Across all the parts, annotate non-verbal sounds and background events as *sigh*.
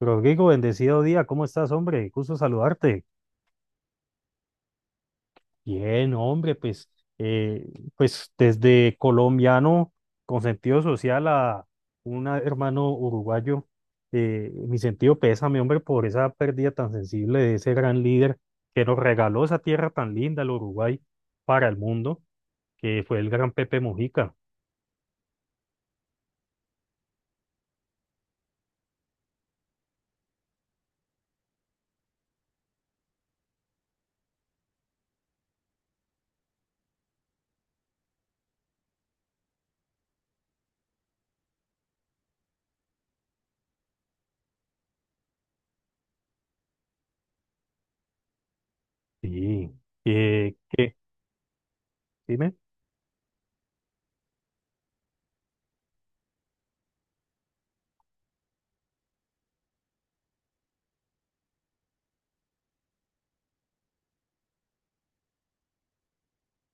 Rodrigo, bendecido día, ¿cómo estás, hombre? Gusto saludarte. Bien, hombre, pues, eh, pues desde colombiano con sentido social a un hermano uruguayo, mi sentido pésame, hombre, por esa pérdida tan sensible de ese gran líder que nos regaló esa tierra tan linda, el Uruguay, para el mundo, que fue el gran Pepe Mujica. Sí, eh, que, dime.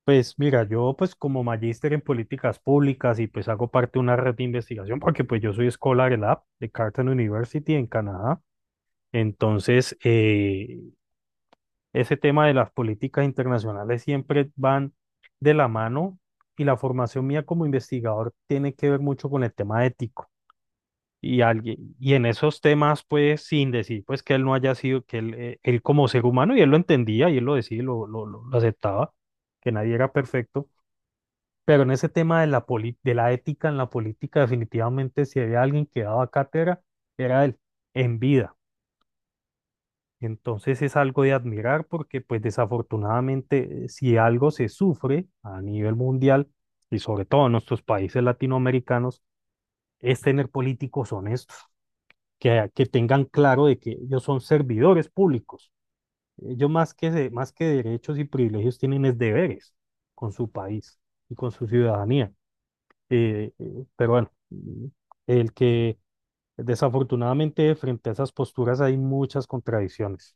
Pues mira, yo pues como magíster en políticas públicas y pues hago parte de una red de investigación porque pues yo soy Scholar Lab de Carleton University en Canadá. Entonces, ese tema de las políticas internacionales siempre van de la mano y la formación mía como investigador tiene que ver mucho con el tema ético. Y, alguien, y en esos temas, pues sin decir pues que él no haya sido, que él, él como ser humano, y él lo entendía y él lo decía y lo aceptaba, que nadie era perfecto, pero en ese tema de la, de la ética en la política, definitivamente si había alguien que daba cátedra, era él, en vida. Entonces es algo de admirar porque pues desafortunadamente si algo se sufre a nivel mundial y sobre todo en nuestros países latinoamericanos, es tener políticos honestos, que tengan claro de que ellos son servidores públicos. Ellos más que, más que derechos y privilegios tienen es deberes con su país y con su ciudadanía. Pero bueno, el que desafortunadamente frente a esas posturas hay muchas contradicciones.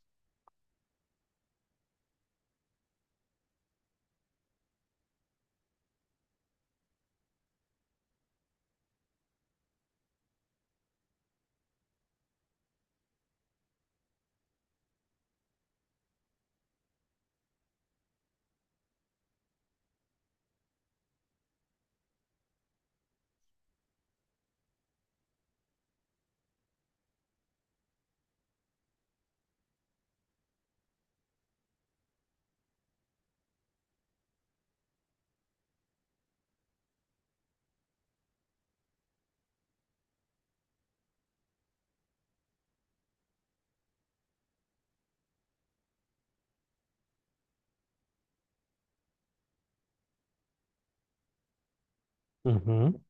Ujú,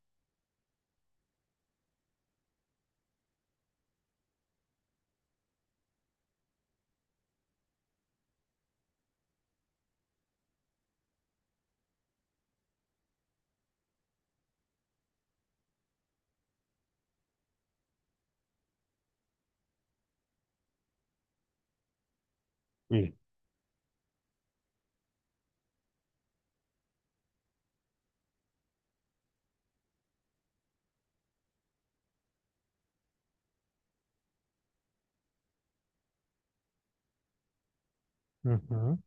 y- ujú.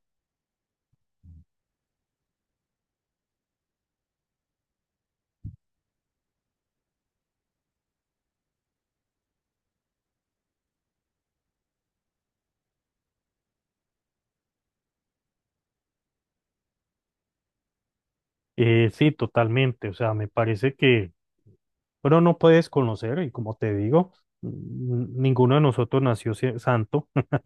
Sí, totalmente. O sea, me parece que uno no puedes conocer y como te digo, mm, ninguno de nosotros nació santo. *laughs*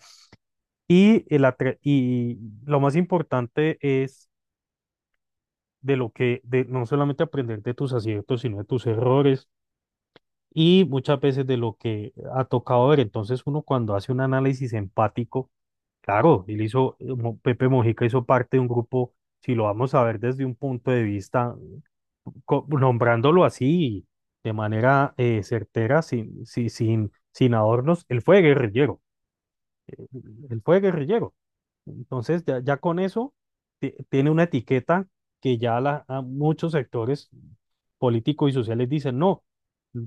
Y, lo más importante es de lo que, de no solamente aprender de tus aciertos, sino de tus errores y muchas veces de lo que ha tocado ver. Entonces uno cuando hace un análisis empático, claro, él hizo, Pepe Mojica hizo parte de un grupo, si lo vamos a ver desde un punto de vista, nombrándolo así, de manera certera, sin adornos, él fue guerrillero. Entonces ya, ya con eso tiene una etiqueta que ya la, a muchos sectores políticos y sociales dicen, no,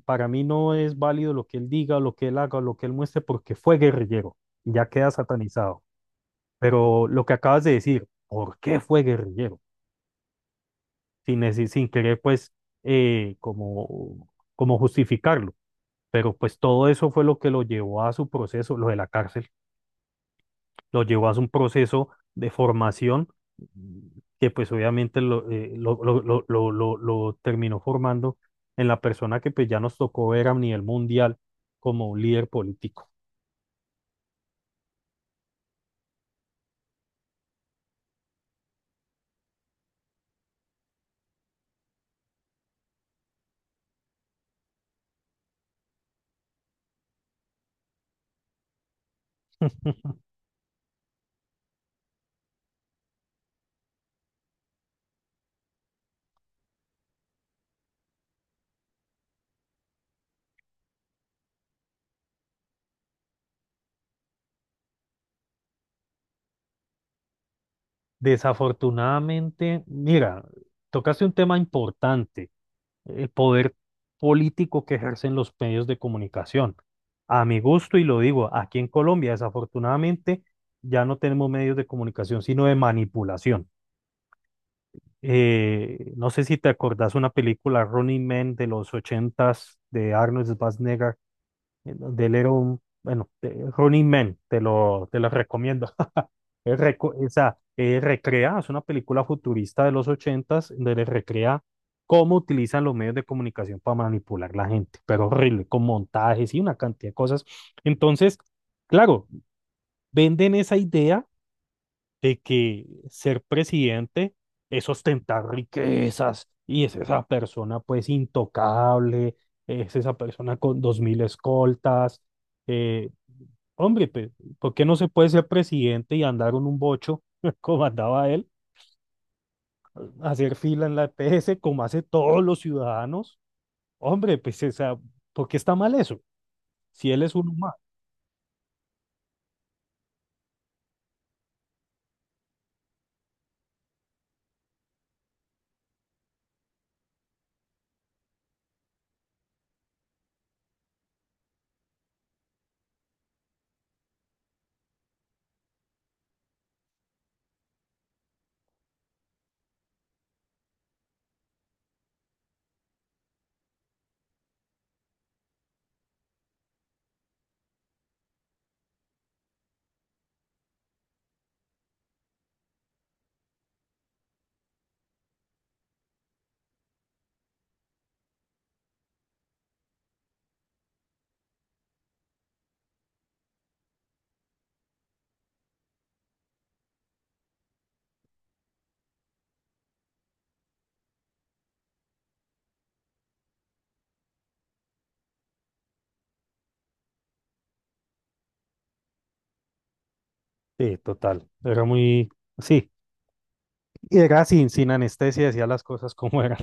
para mí no es válido lo que él diga, lo que él haga, lo que él muestre, porque fue guerrillero, y ya queda satanizado. Pero lo que acabas de decir, ¿por qué fue guerrillero? Sin, sin querer, pues, eh, como, como justificarlo. Pero pues todo eso fue lo que lo llevó a su proceso, lo de la cárcel lo llevó a un proceso de formación que pues obviamente lo, lo terminó formando en la persona que pues ya nos tocó ver a nivel mundial como un líder político. *laughs* Desafortunadamente, mira, tocaste un tema importante, el poder político que ejercen los medios de comunicación. A mi gusto, y lo digo, aquí en Colombia, desafortunadamente, ya no tenemos medios de comunicación, sino de manipulación. No sé si te acordás una película Running Man de los ochentas de Arnold Schwarzenegger, en donde él era un, bueno, Running Man, te la recomiendo. *laughs* Él reco- o sea, Recrea, es una película futurista de los ochentas, donde le recrea cómo utilizan los medios de comunicación para manipular la gente, pero horrible, con montajes y una cantidad de cosas. Entonces, claro, venden esa idea de que ser presidente es ostentar riquezas y es esa persona pues intocable, es esa persona con dos mil escoltas. eh, Hombre, pues, ¿por qué no se puede ser presidente y andar en un bocho *laughs* como andaba él, hacer fila en la EPS como hace todos los ciudadanos? Hombre, pues esa, ¿por qué está mal eso? Si él es uno más. Sí, total. Era muy, sí. Era sin anestesia, decía las cosas como eran.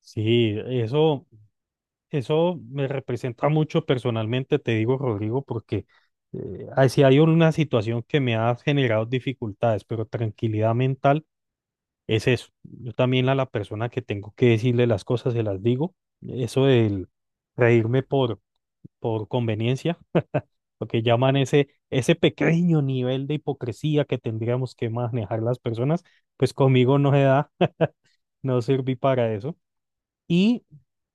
Sí, eso. Eso me representa mucho personalmente, te digo, Rodrigo, porque si hay una situación que me ha generado dificultades, pero tranquilidad mental es eso. Yo también a la persona que tengo que decirle las cosas se las digo. Eso del reírme por conveniencia, lo que llaman ese pequeño nivel de hipocresía que tendríamos que manejar las personas, pues conmigo no se da, *laughs* no serví para eso. Y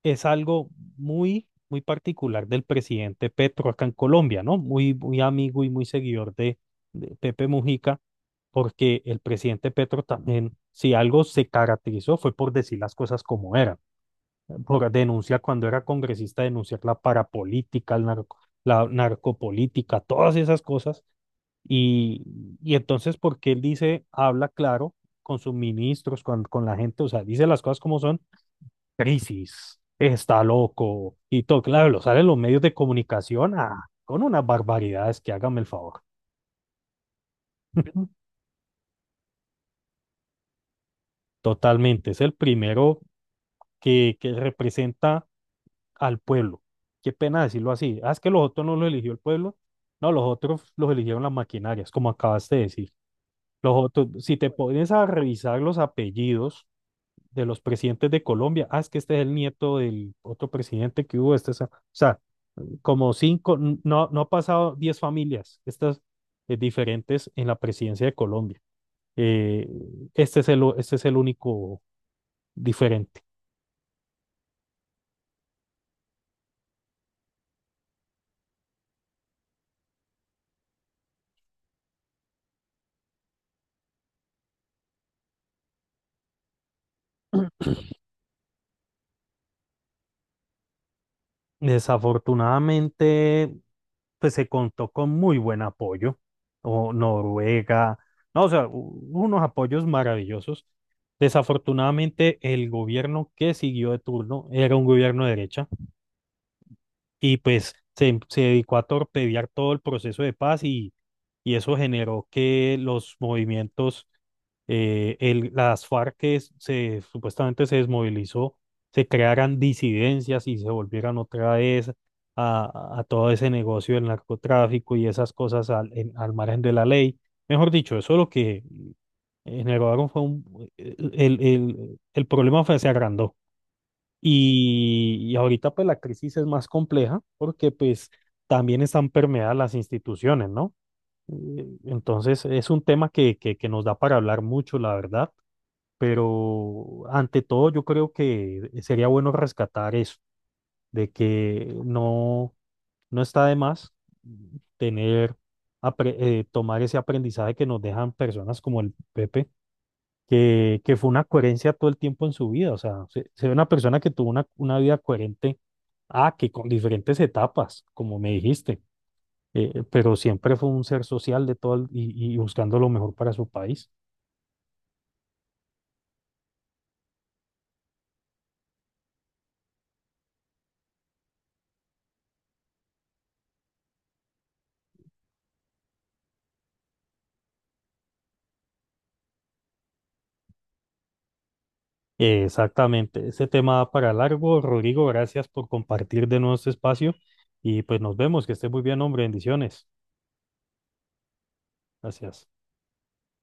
es algo muy particular del presidente Petro acá en Colombia, ¿no? Muy amigo y muy seguidor de Pepe Mujica, porque el presidente Petro también, si algo se caracterizó, fue por decir las cosas como eran, por denunciar cuando era congresista, denunciar la parapolítica, la narcopolítica, todas esas cosas. Y, y entonces, porque él dice, habla claro con sus ministros, con la gente, o sea, dice las cosas como son crisis, está loco y todo, claro, lo salen los medios de comunicación ah, con unas barbaridades que hágame el favor. *laughs* Totalmente, es el primero que representa al pueblo. Qué pena decirlo así. Ah, es que los otros no los eligió el pueblo. No, los otros los eligieron las maquinarias, como acabaste de decir. Los otros, si te pones a revisar los apellidos de los presidentes de Colombia, ah, es que este es el nieto del otro presidente que hubo, este, o sea, como cinco, no, no ha pasado diez familias, estas diferentes en la presidencia de Colombia. Eh, este es el único diferente. Desafortunadamente, pues se contó con muy buen apoyo, o Noruega, no, o sea, unos apoyos maravillosos. Desafortunadamente, el gobierno que siguió de turno era un gobierno de derecha y pues se dedicó a torpedear todo el proceso de paz y eso generó que los movimientos, las FARC que supuestamente se desmovilizó, se crearan disidencias y se volvieran otra vez a todo ese negocio del narcotráfico y esas cosas al, al margen de la ley. Mejor dicho, eso lo que generaron fue un, el problema fue, se agrandó. Y ahorita pues la crisis es más compleja porque pues también están permeadas las instituciones, ¿no? Entonces es un tema que nos da para hablar mucho, la verdad, pero ante todo yo creo que sería bueno rescatar eso, de que no, no está de más tener, tomar ese aprendizaje que nos dejan personas como el Pepe que fue una coherencia todo el tiempo en su vida. O sea, se ve una persona que tuvo una vida coherente, ah, que con diferentes etapas, como me dijiste, pero siempre fue un ser social de todo el- y buscando lo mejor para su país. Exactamente, ese tema da para largo. Rodrigo, gracias por compartir de nuevo este espacio y pues nos vemos, que estés muy bien, hombre, bendiciones. Gracias.